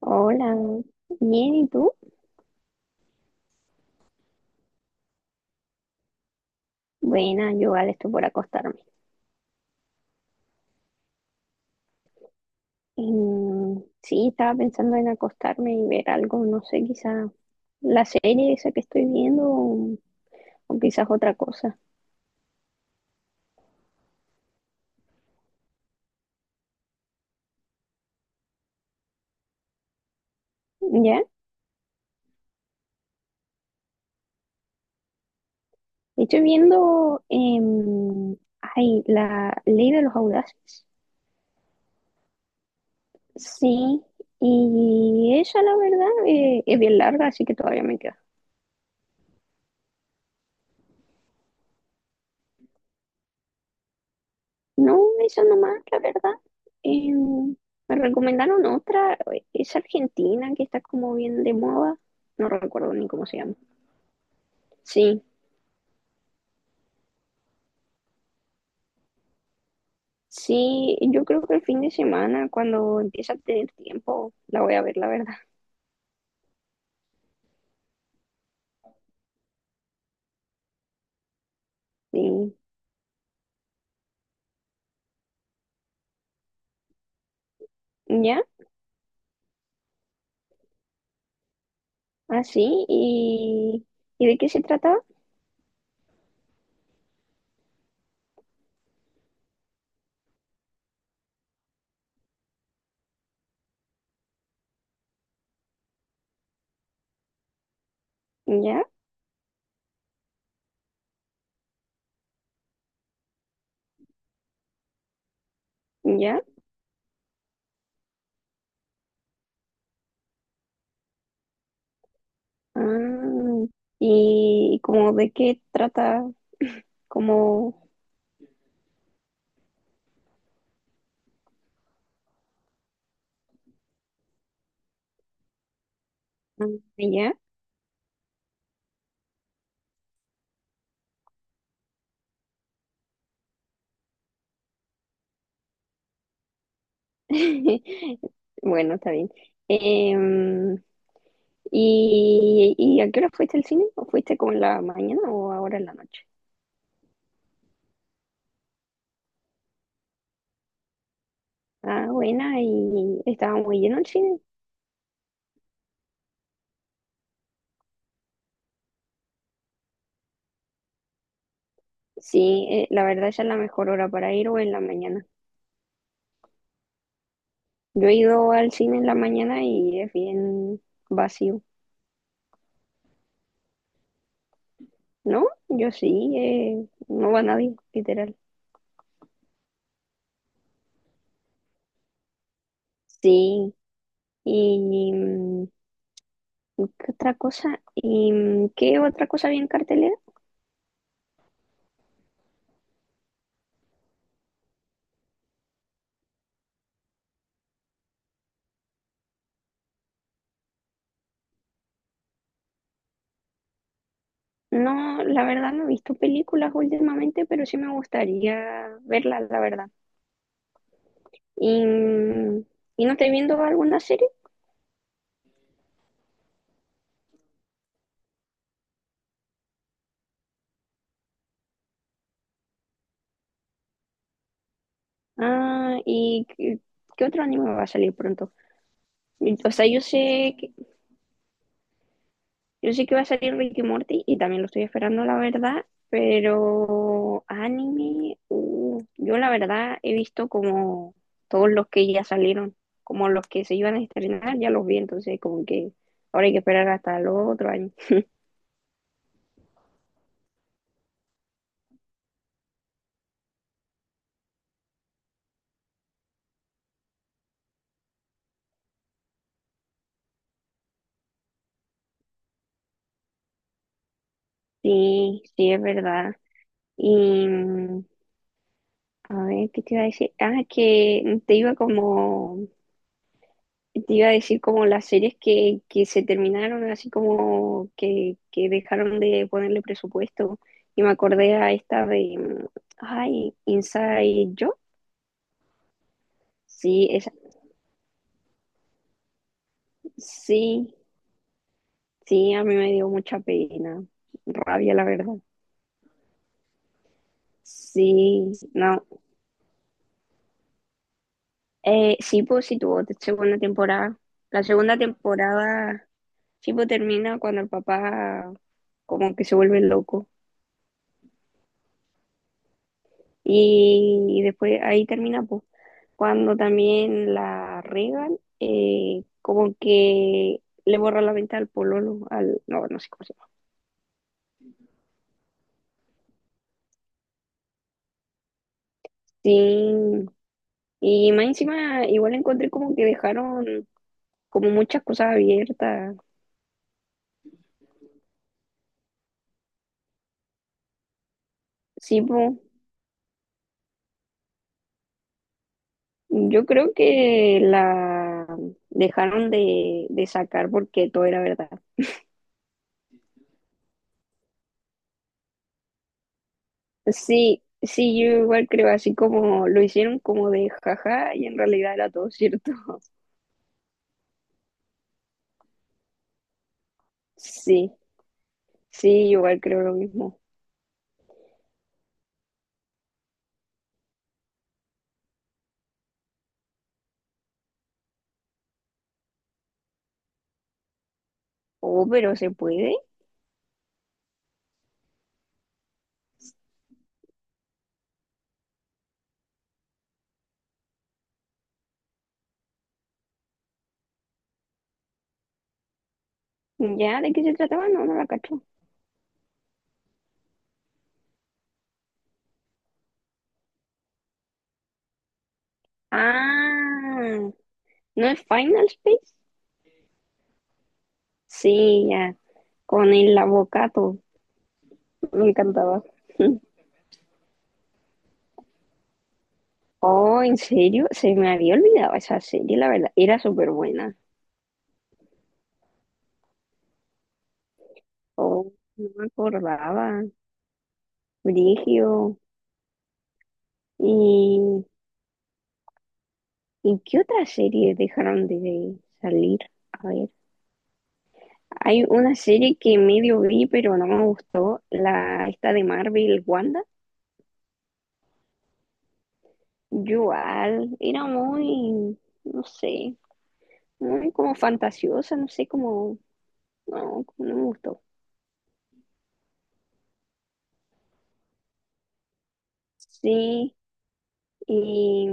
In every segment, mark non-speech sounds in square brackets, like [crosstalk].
Hola, bien, ¿y tú? Buena, yo vale, estoy por acostarme. Sí, estaba pensando en acostarme y ver algo, no sé, quizá la serie esa que estoy viendo o quizás otra cosa. ¿Ya? Estoy viendo, ay, la Ley de los Audaces. Sí, y esa la verdad es bien larga, así que todavía me queda. No, esa nomás, la verdad. Em, Me recomendaron otra, es argentina, que está como bien de moda. No recuerdo ni cómo se llama. Sí, sí, yo creo que el fin de semana, cuando empiece a tener tiempo, la voy a ver, la verdad. Sí, ya, así, ¿y de qué se trata? Ya, ya. Ah, y como de qué trata, como, ah, ya. [laughs] Bueno, está bien. Em, y a qué hora fuiste al cine? ¿O fuiste como en la mañana o ahora en la noche? Ah, buena, ¿y estaba muy lleno el cine? Sí, la verdad esa es la mejor hora para ir o en la mañana. Yo he ido al cine en la mañana y es bien vacío. ¿No? Yo sí, no va nadie, literal. Sí, y ¿qué otra cosa? ¿Y qué otra cosa había en cartelera? No, la verdad no he visto películas últimamente, pero sí me gustaría verlas, la verdad. ¿Y, y no estáis viendo alguna serie? Ah, qué otro anime va a salir pronto? O sea, yo sé que va a salir Ricky Morty y también lo estoy esperando, la verdad, pero anime, yo la verdad he visto como todos los que ya salieron, como los que se iban a estrenar, ya los vi, entonces como que ahora hay que esperar hasta el otro año. Sí, sí, es verdad. Y a ver, ¿qué te iba a decir? Ah, que te iba como te iba a decir como las series que se terminaron, así como que dejaron de ponerle presupuesto. Y me acordé a esta de, ay, Inside Job. Sí, esa, sí, sí, a mí me dio mucha pena, rabia, la verdad. Sí, no. Sí, pues sí tuvo segunda temporada. La segunda temporada, sí, pues termina cuando el papá como que se vuelve loco. Y después ahí termina, pues, cuando también la regan, como que le borra la venta al pololo, al, no, no sé cómo se llama. Sí, y más encima igual encontré como que dejaron como muchas cosas abiertas. Sí, po, yo creo que la dejaron de sacar porque todo era verdad. Sí, sí, yo igual creo, así como lo hicieron como de jaja y en realidad era todo cierto. [laughs] Sí, sí, yo igual creo lo mismo. Oh, pero ¿se puede? ¿Ya? ¿De qué se trataba? No, no la cacho. Ah, ¿no es Final Space? Sí, ya, con el avocato. Me encantaba. [laughs] Oh, ¿en serio? Se me había olvidado esa serie, la verdad. Era súper buena. Oh, no me acordaba. Brigio. ¿Y, ¿Y qué otra serie dejaron de salir? A ver, hay una serie que medio vi, pero no me gustó. La esta de Marvel, Wanda. Yo igual, era no sé, muy como fantasiosa, no sé, como no me gustó. Sí, y,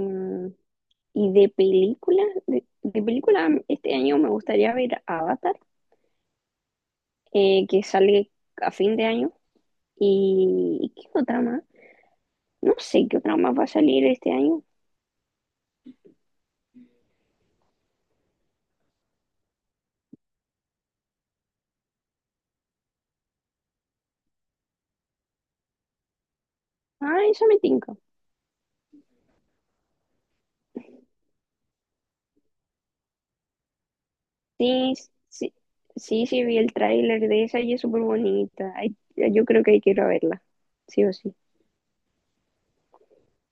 de película este año me gustaría ver Avatar, que sale a fin de año. ¿Y qué otra más? No sé qué otra más va a salir este año. Ah, esa me tinca. Sí, sí, sí, sí, vi el tráiler de esa y es súper bonita. Ay, yo creo que quiero verla, sí o sí,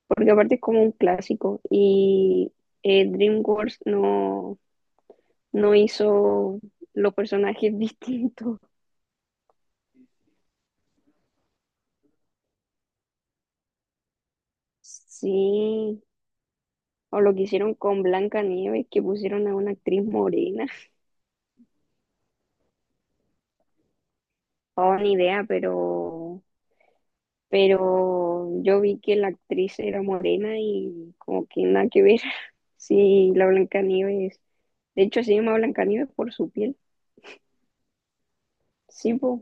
porque aparte es como un clásico y DreamWorks no hizo los personajes [laughs] distintos. Sí, o lo que hicieron con Blancanieves, que pusieron a una actriz morena. [laughs] Oh, ni idea, pero yo vi que la actriz era morena y como que nada que ver. [laughs] Sí, la Blancanieves. De hecho, se llama Blancanieves por su piel. Sí, pues,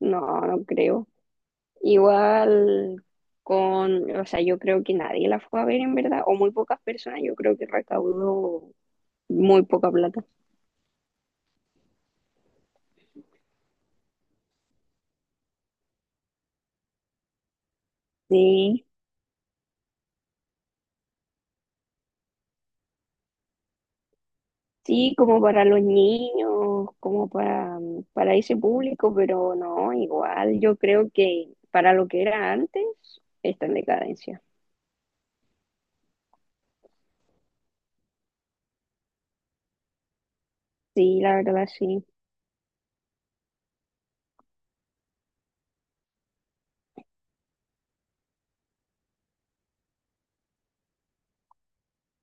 no, no creo. Igual con, o sea, yo creo que nadie la fue a ver en verdad, o muy pocas personas, yo creo que recaudó muy poca plata. Sí, sí, como para los niños, como para ese público, pero no, igual yo creo que para lo que era antes, está en decadencia. Sí, la verdad, sí.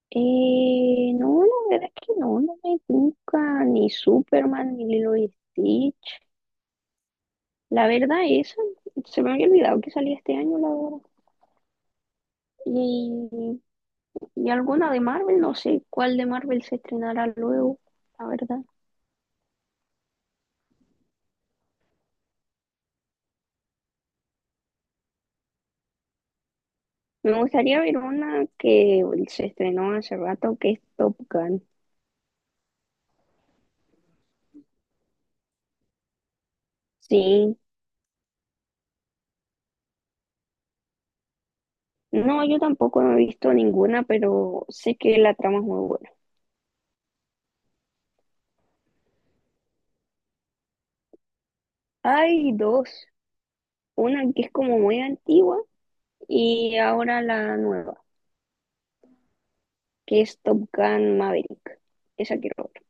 No, la verdad es que no, no me gusta ni Superman, ni Lilo y Stitch. La verdad, esa, se me había olvidado que salía este año, la verdad. Y, y alguna de Marvel, no sé cuál de Marvel se estrenará luego, la verdad. Me gustaría ver una que se estrenó hace rato, que es Top Gun. Sí, no, yo tampoco no he visto ninguna, pero sé que la trama es muy buena. Hay dos, una que es como muy antigua y ahora la nueva, que es Top Gun Maverick. Esa quiero ver.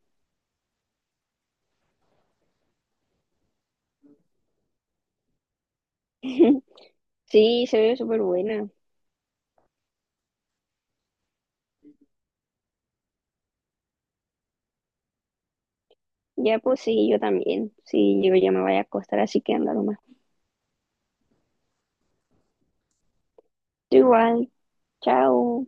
[laughs] Sí, se ve súper buena. Ya pues sí, yo también. Sí, yo ya me voy a acostar, así que andar igual. Chao.